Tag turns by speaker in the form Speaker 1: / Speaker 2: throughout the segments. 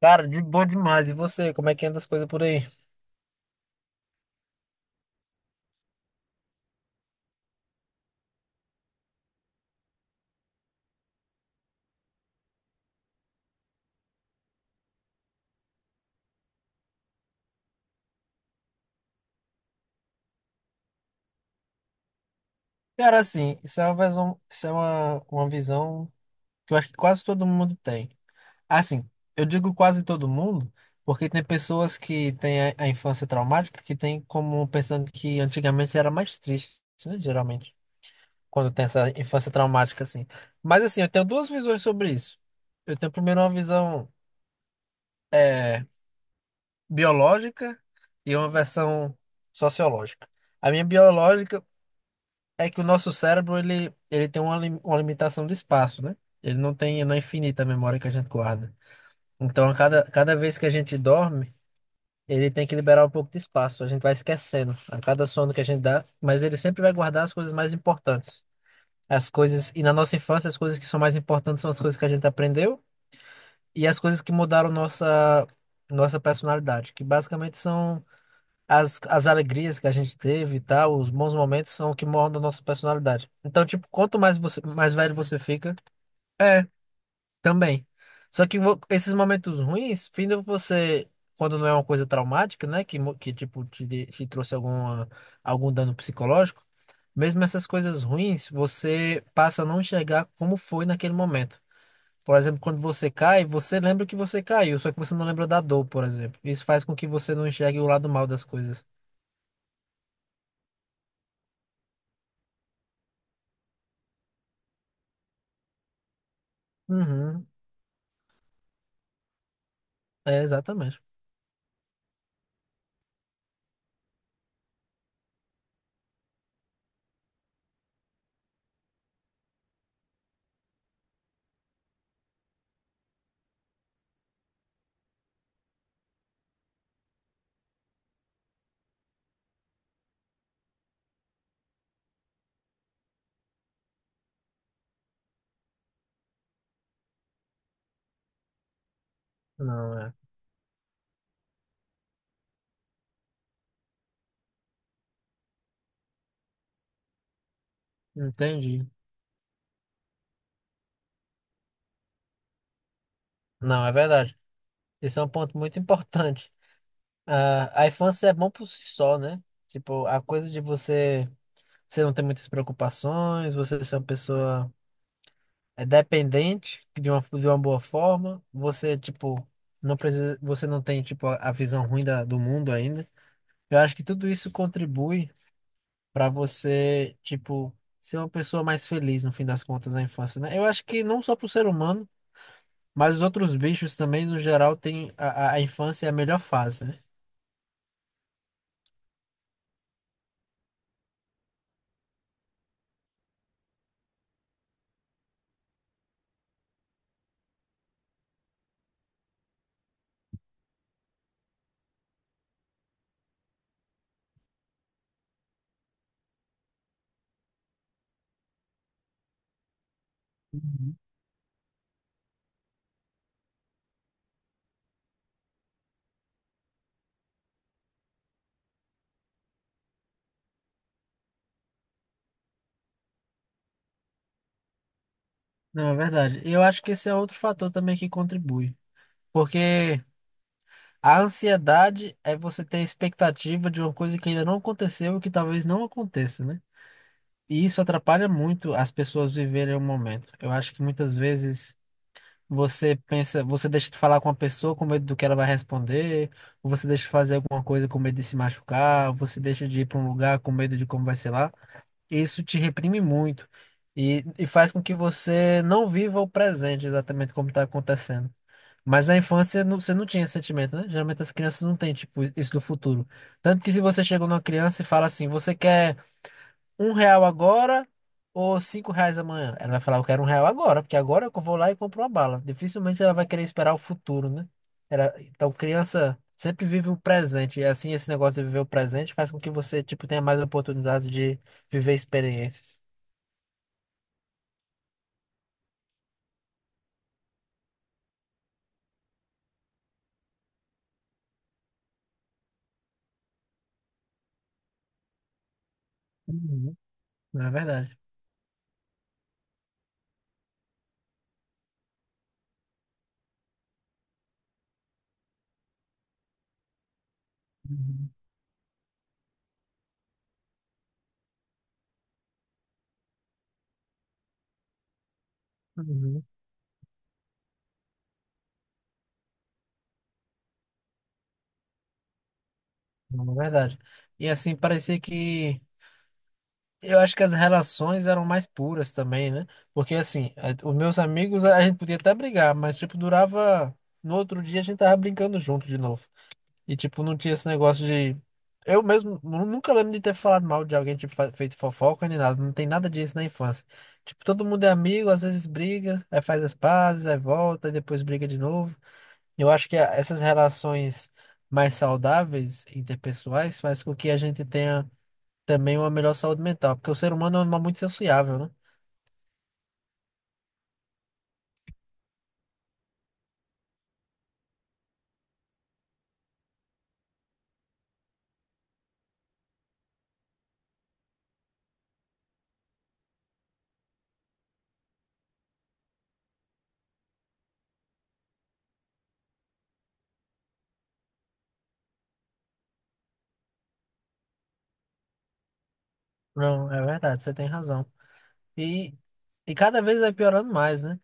Speaker 1: Cara, de boa demais. E você, como é que anda as coisas por aí? Cara, assim, isso é uma visão, isso é uma visão que eu acho que quase todo mundo tem. Assim, eu digo quase todo mundo, porque tem pessoas que têm a infância traumática que tem como pensando que antigamente era mais triste, né? Geralmente, quando tem essa infância traumática, assim. Mas assim, eu tenho duas visões sobre isso. Eu tenho primeiro uma visão é, biológica e uma versão sociológica. A minha biológica é que o nosso cérebro ele tem uma, uma limitação de espaço, né? Ele não tem, não é infinita a memória que a gente guarda. Então, a cada vez que a gente dorme, ele tem que liberar um pouco de espaço. A gente vai esquecendo a cada sono que a gente dá, mas ele sempre vai guardar as coisas mais importantes. E na nossa infância, as coisas que são mais importantes são as coisas que a gente aprendeu e as coisas que mudaram nossa personalidade, que basicamente são as alegrias que a gente teve e tal. Os bons momentos são o que moldam a nossa personalidade. Então, tipo, quanto mais você, mais velho você fica, é, também. Só que esses momentos ruins, findam você, quando não é uma coisa traumática, né, que tipo, te trouxe alguma, algum dano psicológico, mesmo essas coisas ruins, você passa a não enxergar como foi naquele momento. Por exemplo, quando você cai, você lembra que você caiu, só que você não lembra da dor, por exemplo. Isso faz com que você não enxergue o lado mal das coisas. Uhum. É, exatamente. Não, é. Entendi. Não, é verdade. Esse é um ponto muito importante. Ah, a infância é bom por si só, né? Tipo, a coisa de você, você não ter muitas preocupações, você ser uma pessoa dependente de uma boa forma, você, tipo, não precisa, você não tem, tipo, a visão ruim da, do mundo ainda. Eu acho que tudo isso contribui para você, tipo, ser uma pessoa mais feliz no fim das contas na infância, né? Eu acho que não só pro ser humano, mas os outros bichos também, no geral, tem a infância é a melhor fase, né? Não, é verdade. E eu acho que esse é outro fator também que contribui. Porque a ansiedade é você ter a expectativa de uma coisa que ainda não aconteceu e que talvez não aconteça, né? E isso atrapalha muito as pessoas viverem o momento. Eu acho que muitas vezes você pensa, você deixa de falar com a pessoa com medo do que ela vai responder, ou você deixa de fazer alguma coisa com medo de se machucar, ou você deixa de ir para um lugar com medo de como vai ser lá. Isso te reprime muito e, faz com que você não viva o presente exatamente como está acontecendo. Mas na infância você não tinha esse sentimento, né? Geralmente as crianças não têm, tipo, isso do futuro. Tanto que se você chega numa criança e fala assim, você quer R$ 1 agora ou R$ 5 amanhã? Ela vai falar, eu quero R$ 1 agora, porque agora eu vou lá e compro uma bala. Dificilmente ela vai querer esperar o futuro, né? Então criança sempre vive o presente. E assim, esse negócio de viver o presente faz com que você, tipo, tenha mais oportunidades de viver experiências. Uhum. É verdade. Uhum. Uhum. Não, é verdade. E assim, parecia que. Eu acho que as relações eram mais puras também, né? Porque assim, os meus amigos, a gente podia até brigar, mas tipo, durava. No outro dia a gente tava brincando junto de novo. E tipo, não tinha esse negócio de. Eu mesmo nunca lembro de ter falado mal de alguém, tipo, feito fofoca nem nada. Não tem nada disso na infância. Tipo, todo mundo é amigo, às vezes briga, aí faz as pazes, aí volta, e depois briga de novo. Eu acho que essas relações mais saudáveis, interpessoais, faz com que a gente tenha também uma melhor saúde mental, porque o ser humano é um animal muito sociável, né? Não, é verdade, você tem razão. E, e cada vez vai piorando mais, né?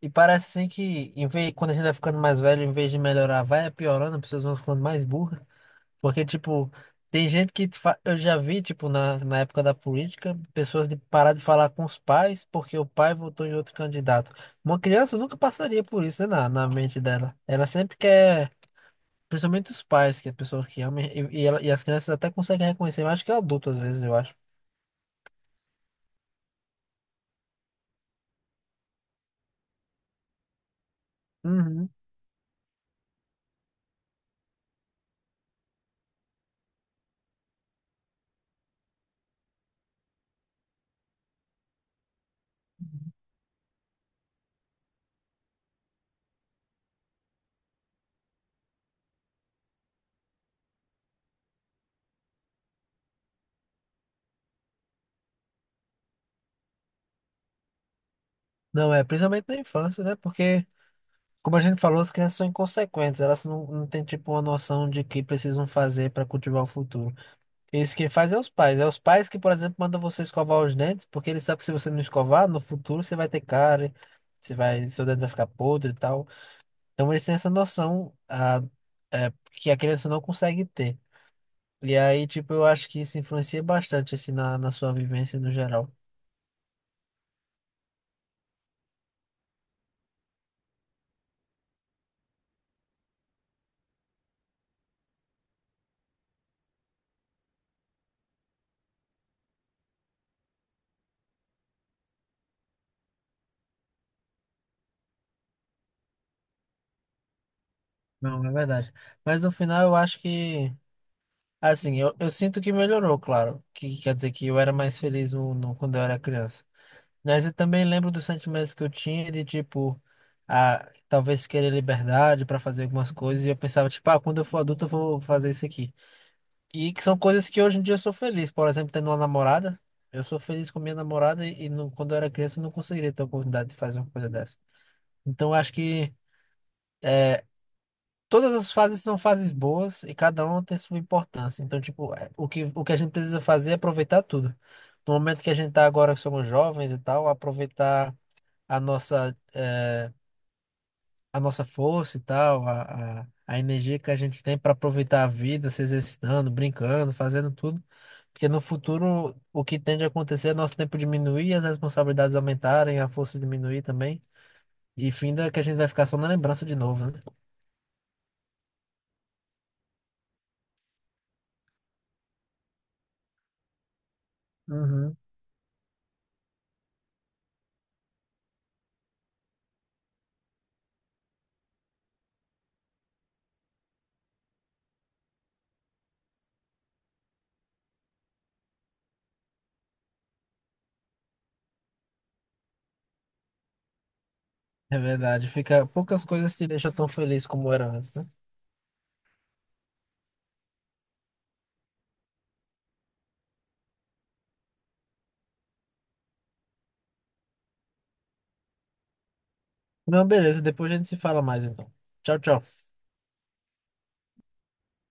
Speaker 1: E parece assim que em vez, quando a gente vai ficando mais velho, em vez de melhorar, vai piorando, as pessoas vão ficando mais burras. Porque, tipo, tem gente que eu já vi, tipo, na época da política, pessoas de parar de falar com os pais porque o pai votou em outro candidato. Uma criança nunca passaria por isso, né, na mente dela. Ela sempre quer, principalmente os pais, que é pessoas que amam, e as crianças até conseguem reconhecer, mais que adulto às vezes, eu acho. Uhum. Não, é, principalmente na infância, né? Porque, como a gente falou, as crianças são inconsequentes, elas não têm, tipo, uma noção de que precisam fazer para cultivar o futuro. Isso quem faz é os pais. É os pais que, por exemplo, mandam você escovar os dentes, porque eles sabem que se você não escovar, no futuro você vai ter cárie, você vai, seu dente vai ficar podre e tal. Então eles têm essa noção é, que a criança não consegue ter. E aí, tipo, eu acho que isso influencia bastante, assim, na sua vivência no geral. Não, é verdade. Mas no final eu acho que, assim, eu sinto que melhorou, claro. Que quer dizer que eu era mais feliz quando eu era criança. Mas eu também lembro dos sentimentos que eu tinha de, tipo, talvez querer liberdade para fazer algumas coisas. E eu pensava, tipo, ah, quando eu for adulto eu vou fazer isso aqui. E que são coisas que hoje em dia eu sou feliz. Por exemplo, tendo uma namorada. Eu sou feliz com minha namorada e quando eu era criança eu não conseguiria ter a oportunidade de fazer uma coisa dessa. Então eu acho que todas as fases são fases boas e cada uma tem sua importância. Então, tipo, o que a gente precisa fazer é aproveitar tudo. No momento que a gente tá agora que somos jovens e tal, aproveitar a nossa eh, a nossa força e tal, a energia que a gente tem para aproveitar a vida, se exercitando, brincando, fazendo tudo. Porque no futuro, o que tende a acontecer é nosso tempo diminuir, as responsabilidades aumentarem, a força diminuir também. E finda que a gente vai ficar só na lembrança de novo, né? Uhum. É verdade. Fica, poucas coisas te deixam tão feliz como era antes, né? Não, beleza. Depois a gente se fala mais, então. Tchau, tchau.